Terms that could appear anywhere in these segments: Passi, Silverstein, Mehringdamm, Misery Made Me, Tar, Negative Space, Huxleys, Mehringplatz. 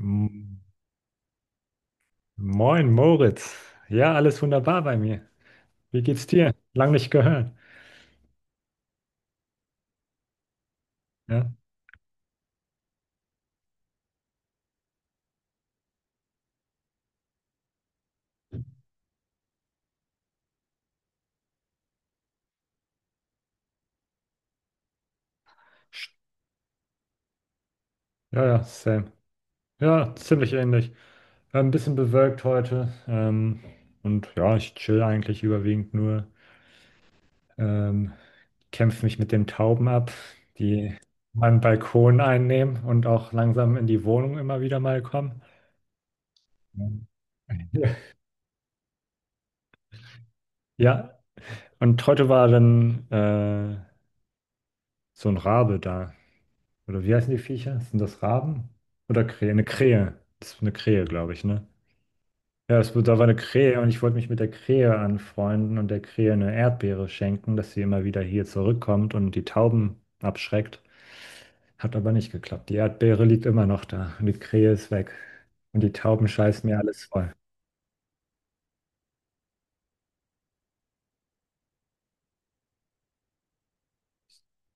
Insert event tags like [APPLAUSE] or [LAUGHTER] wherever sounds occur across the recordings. M- Moin, Moritz. Ja, alles wunderbar bei mir. Wie geht's dir? Lang nicht gehört. Ja, Sch- ja, ja, same. Ja, ziemlich ähnlich. Ein bisschen bewölkt heute. Und ja, ich chill eigentlich überwiegend nur. Ähm, kämpfe mich mit den Tauben ab, die meinen Balkon einnehmen und auch langsam in die Wohnung immer wieder mal kommen. Ja, ja, und heute war dann so ein Rabe da. Oder wie heißen die Viecher? Sind das Raben? Oder Krähe? Eine Krähe. Das ist eine Krähe, glaube ich, ne? Ja, da war eine Krähe und ich wollte mich mit der Krähe anfreunden und der Krähe eine Erdbeere schenken, dass sie immer wieder hier zurückkommt und die Tauben abschreckt. Hat aber nicht geklappt. Die Erdbeere liegt immer noch da und die Krähe ist weg. Und die Tauben scheißen mir alles voll.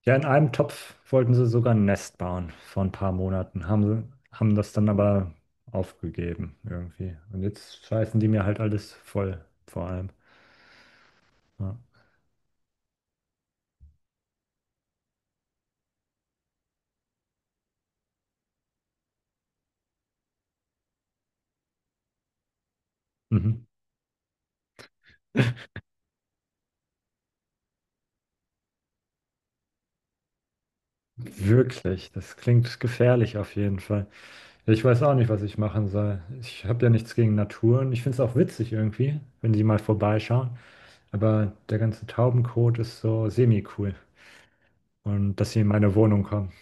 Ja, in einem Topf wollten sie sogar ein Nest bauen vor ein paar Monaten. Haben das dann aber aufgegeben irgendwie. Und jetzt scheißen die mir halt alles voll, vor allem. Ja. Mhm. [LAUGHS] Wirklich, das klingt gefährlich auf jeden Fall. Ich weiß auch nicht, was ich machen soll. Ich habe ja nichts gegen Natur und ich finde es auch witzig irgendwie, wenn die mal vorbeischauen. Aber der ganze Taubenkot ist so semi-cool. Und dass sie in meine Wohnung kommen.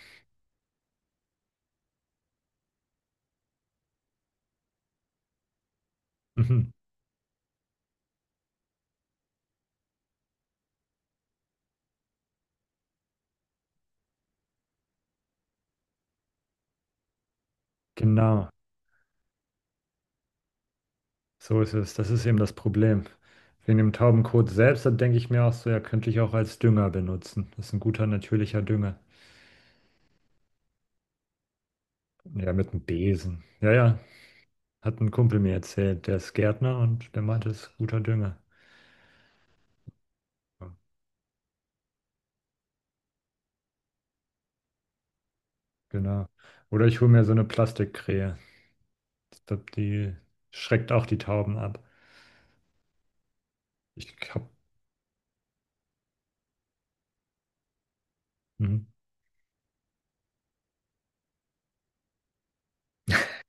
Mhm. Genau, so ist es. Das ist eben das Problem. Wegen dem Taubenkot selbst, da denke ich mir auch so, ja, könnte ich auch als Dünger benutzen. Das ist ein guter, natürlicher Dünger. Ja, mit einem Besen. Ja, ja, hat ein Kumpel mir erzählt, der ist Gärtner und der meinte, es ist guter Dünger. Ja, genau. Oder ich hole mir so eine Plastikkrähe. Ich glaube, die schreckt auch die Tauben ab. Ich glaube,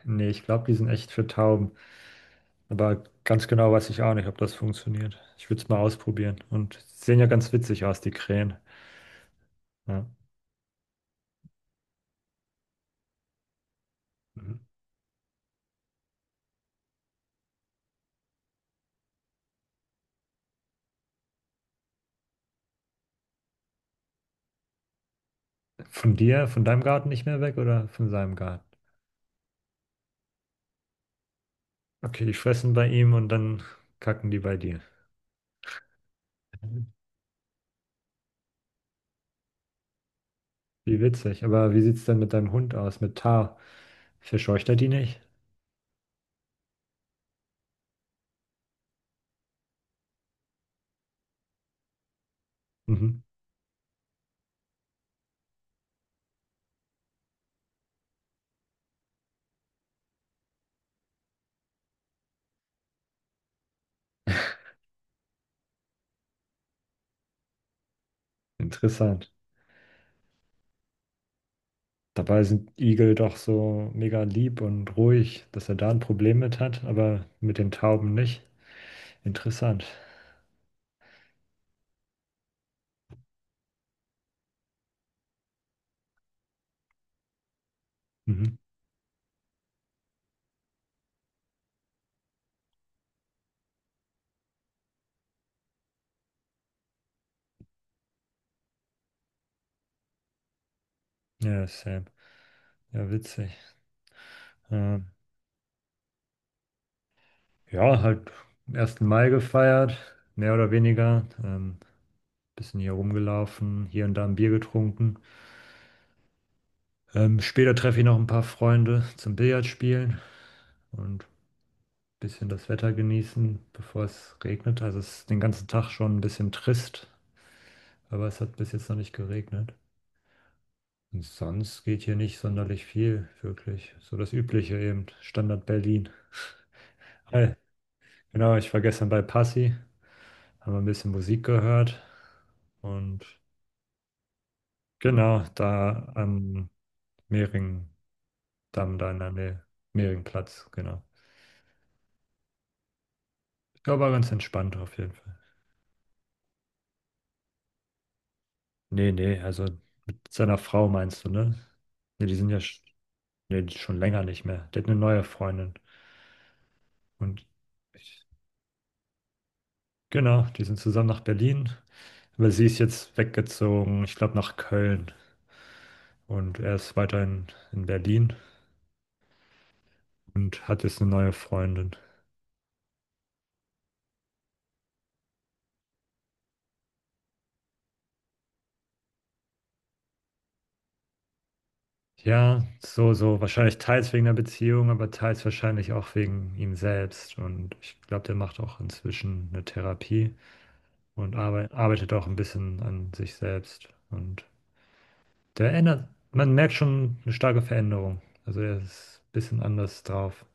nee, ich glaube, die sind echt für Tauben. Aber ganz genau weiß ich auch nicht, ob das funktioniert. Ich würde es mal ausprobieren. Und sie sehen ja ganz witzig aus, die Krähen. Ja. Mhm. Von dir, von deinem Garten nicht mehr weg oder von seinem Garten? Okay, die fressen bei ihm und dann kacken die bei dir. Wie witzig. Aber wie sieht es denn mit deinem Hund aus, mit Tar? Verscheucht er die nicht? Mhm. Interessant. Dabei sind Igel doch so mega lieb und ruhig, dass er da ein Problem mit hat, aber mit den Tauben nicht. Interessant. Mhm. Ja, Sam. Ja, witzig. Ähm, ja, halt 1. Mai gefeiert, mehr oder weniger. Bisschen hier rumgelaufen, hier und da ein Bier getrunken. Später treffe ich noch ein paar Freunde zum Billard spielen und bisschen das Wetter genießen, bevor es regnet. Also es ist den ganzen Tag schon ein bisschen trist, aber es hat bis jetzt noch nicht geregnet. Und sonst geht hier nicht sonderlich viel, wirklich. So das Übliche eben, Standard Berlin. Hi, genau, ich war gestern bei Passi, haben ein bisschen Musik gehört und genau, da am Mehringdamm, da in der Nähe, Mehringplatz, genau. Ich glaube, war ganz entspannt auf jeden Fall. Nee, nee, also mit seiner Frau meinst du, ne? Ne, die sind ja. Nee, schon länger nicht mehr. Der hat eine neue Freundin. Und ich, genau, die sind zusammen nach Berlin. Aber sie ist jetzt weggezogen, ich glaube, nach Köln. Und er ist weiterhin in Berlin und hat jetzt eine neue Freundin. Ja, so, so. Wahrscheinlich teils wegen der Beziehung, aber teils wahrscheinlich auch wegen ihm selbst. Und ich glaube, der macht auch inzwischen eine Therapie und arbeitet auch ein bisschen an sich selbst. Und Der ändert man merkt schon eine starke Veränderung. Also er ist ein bisschen anders drauf,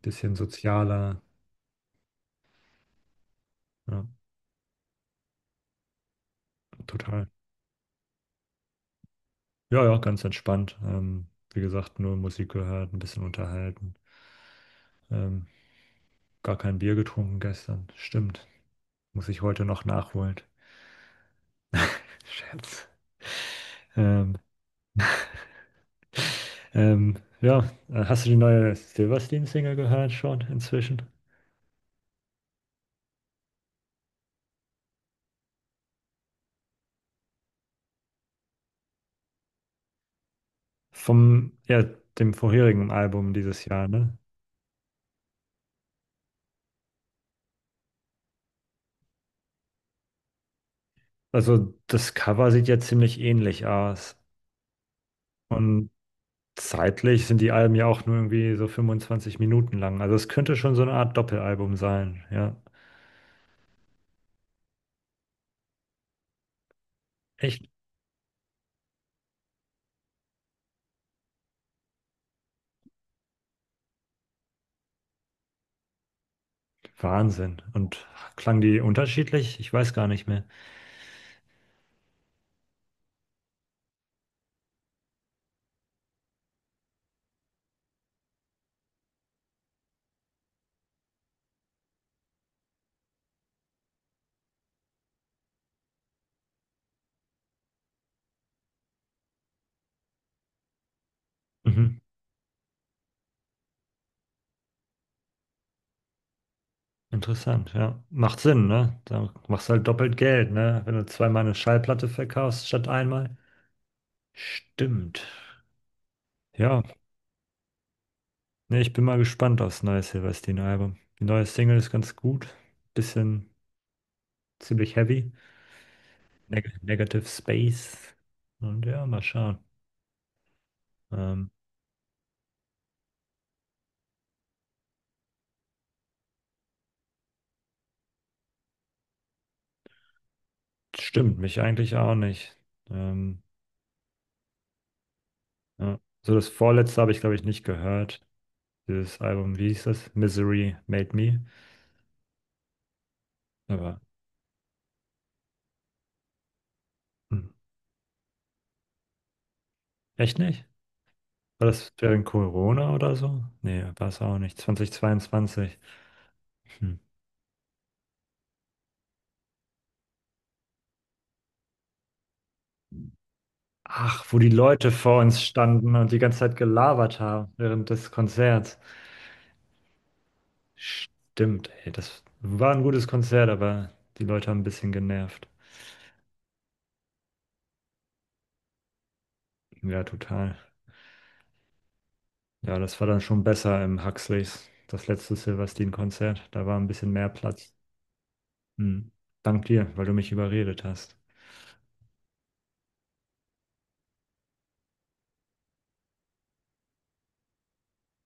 bisschen sozialer. Ja, total. Ja, ja, ganz entspannt. Wie gesagt, nur Musik gehört, ein bisschen unterhalten. Ähm, gar kein Bier getrunken gestern. Stimmt. Muss ich heute noch nachholen. [LAUGHS] Scherz. Ähm, ja, hast du die neue Silverstein-Single gehört schon inzwischen? Ja, dem vorherigen Album dieses Jahr, ne? Also das Cover sieht ja ziemlich ähnlich aus. Und zeitlich sind die Alben ja auch nur irgendwie so 25 Minuten lang. Also es könnte schon so eine Art Doppelalbum sein. Ja, echt Wahnsinn. Und klangen die unterschiedlich? Ich weiß gar nicht mehr. Mhm. Interessant, ja. Macht Sinn, ne? Da machst du halt doppelt Geld, ne? Wenn du zweimal eine Schallplatte verkaufst statt einmal. Stimmt. Ja, ne, ich bin mal gespannt aufs neue Silverstein-Album. Die neue Single ist ganz gut. Bisschen ziemlich heavy. Negative Space. Und ja, mal schauen. Ähm, stimmt, mich eigentlich auch nicht. Ähm, ja. So das vorletzte habe ich, glaube ich, nicht gehört. Dieses Album, wie hieß das? Misery Made Me. Aber hm, echt nicht? War das während Corona oder so? Nee, war es auch nicht. 2022. Hm. Ach, wo die Leute vor uns standen und die ganze Zeit gelabert haben während des Konzerts. Stimmt, ey, das war ein gutes Konzert, aber die Leute haben ein bisschen genervt. Ja, total. Ja, das war dann schon besser im Huxleys, das letzte Silvestin-Konzert. Da war ein bisschen mehr Platz. Hm. Dank dir, weil du mich überredet hast.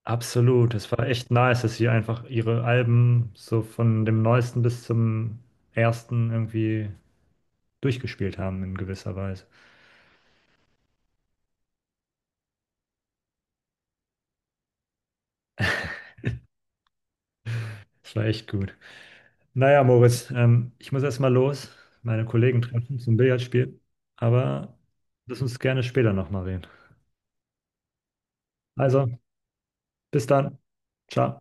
Absolut, es war echt nice, dass sie einfach ihre Alben so von dem neuesten bis zum ersten irgendwie durchgespielt haben in gewisser Weise. Das war echt gut. Naja, Moritz, ich muss erstmal los, meine Kollegen treffen zum Billardspiel, aber lass uns gerne später nochmal reden. Also, bis dann. Ciao.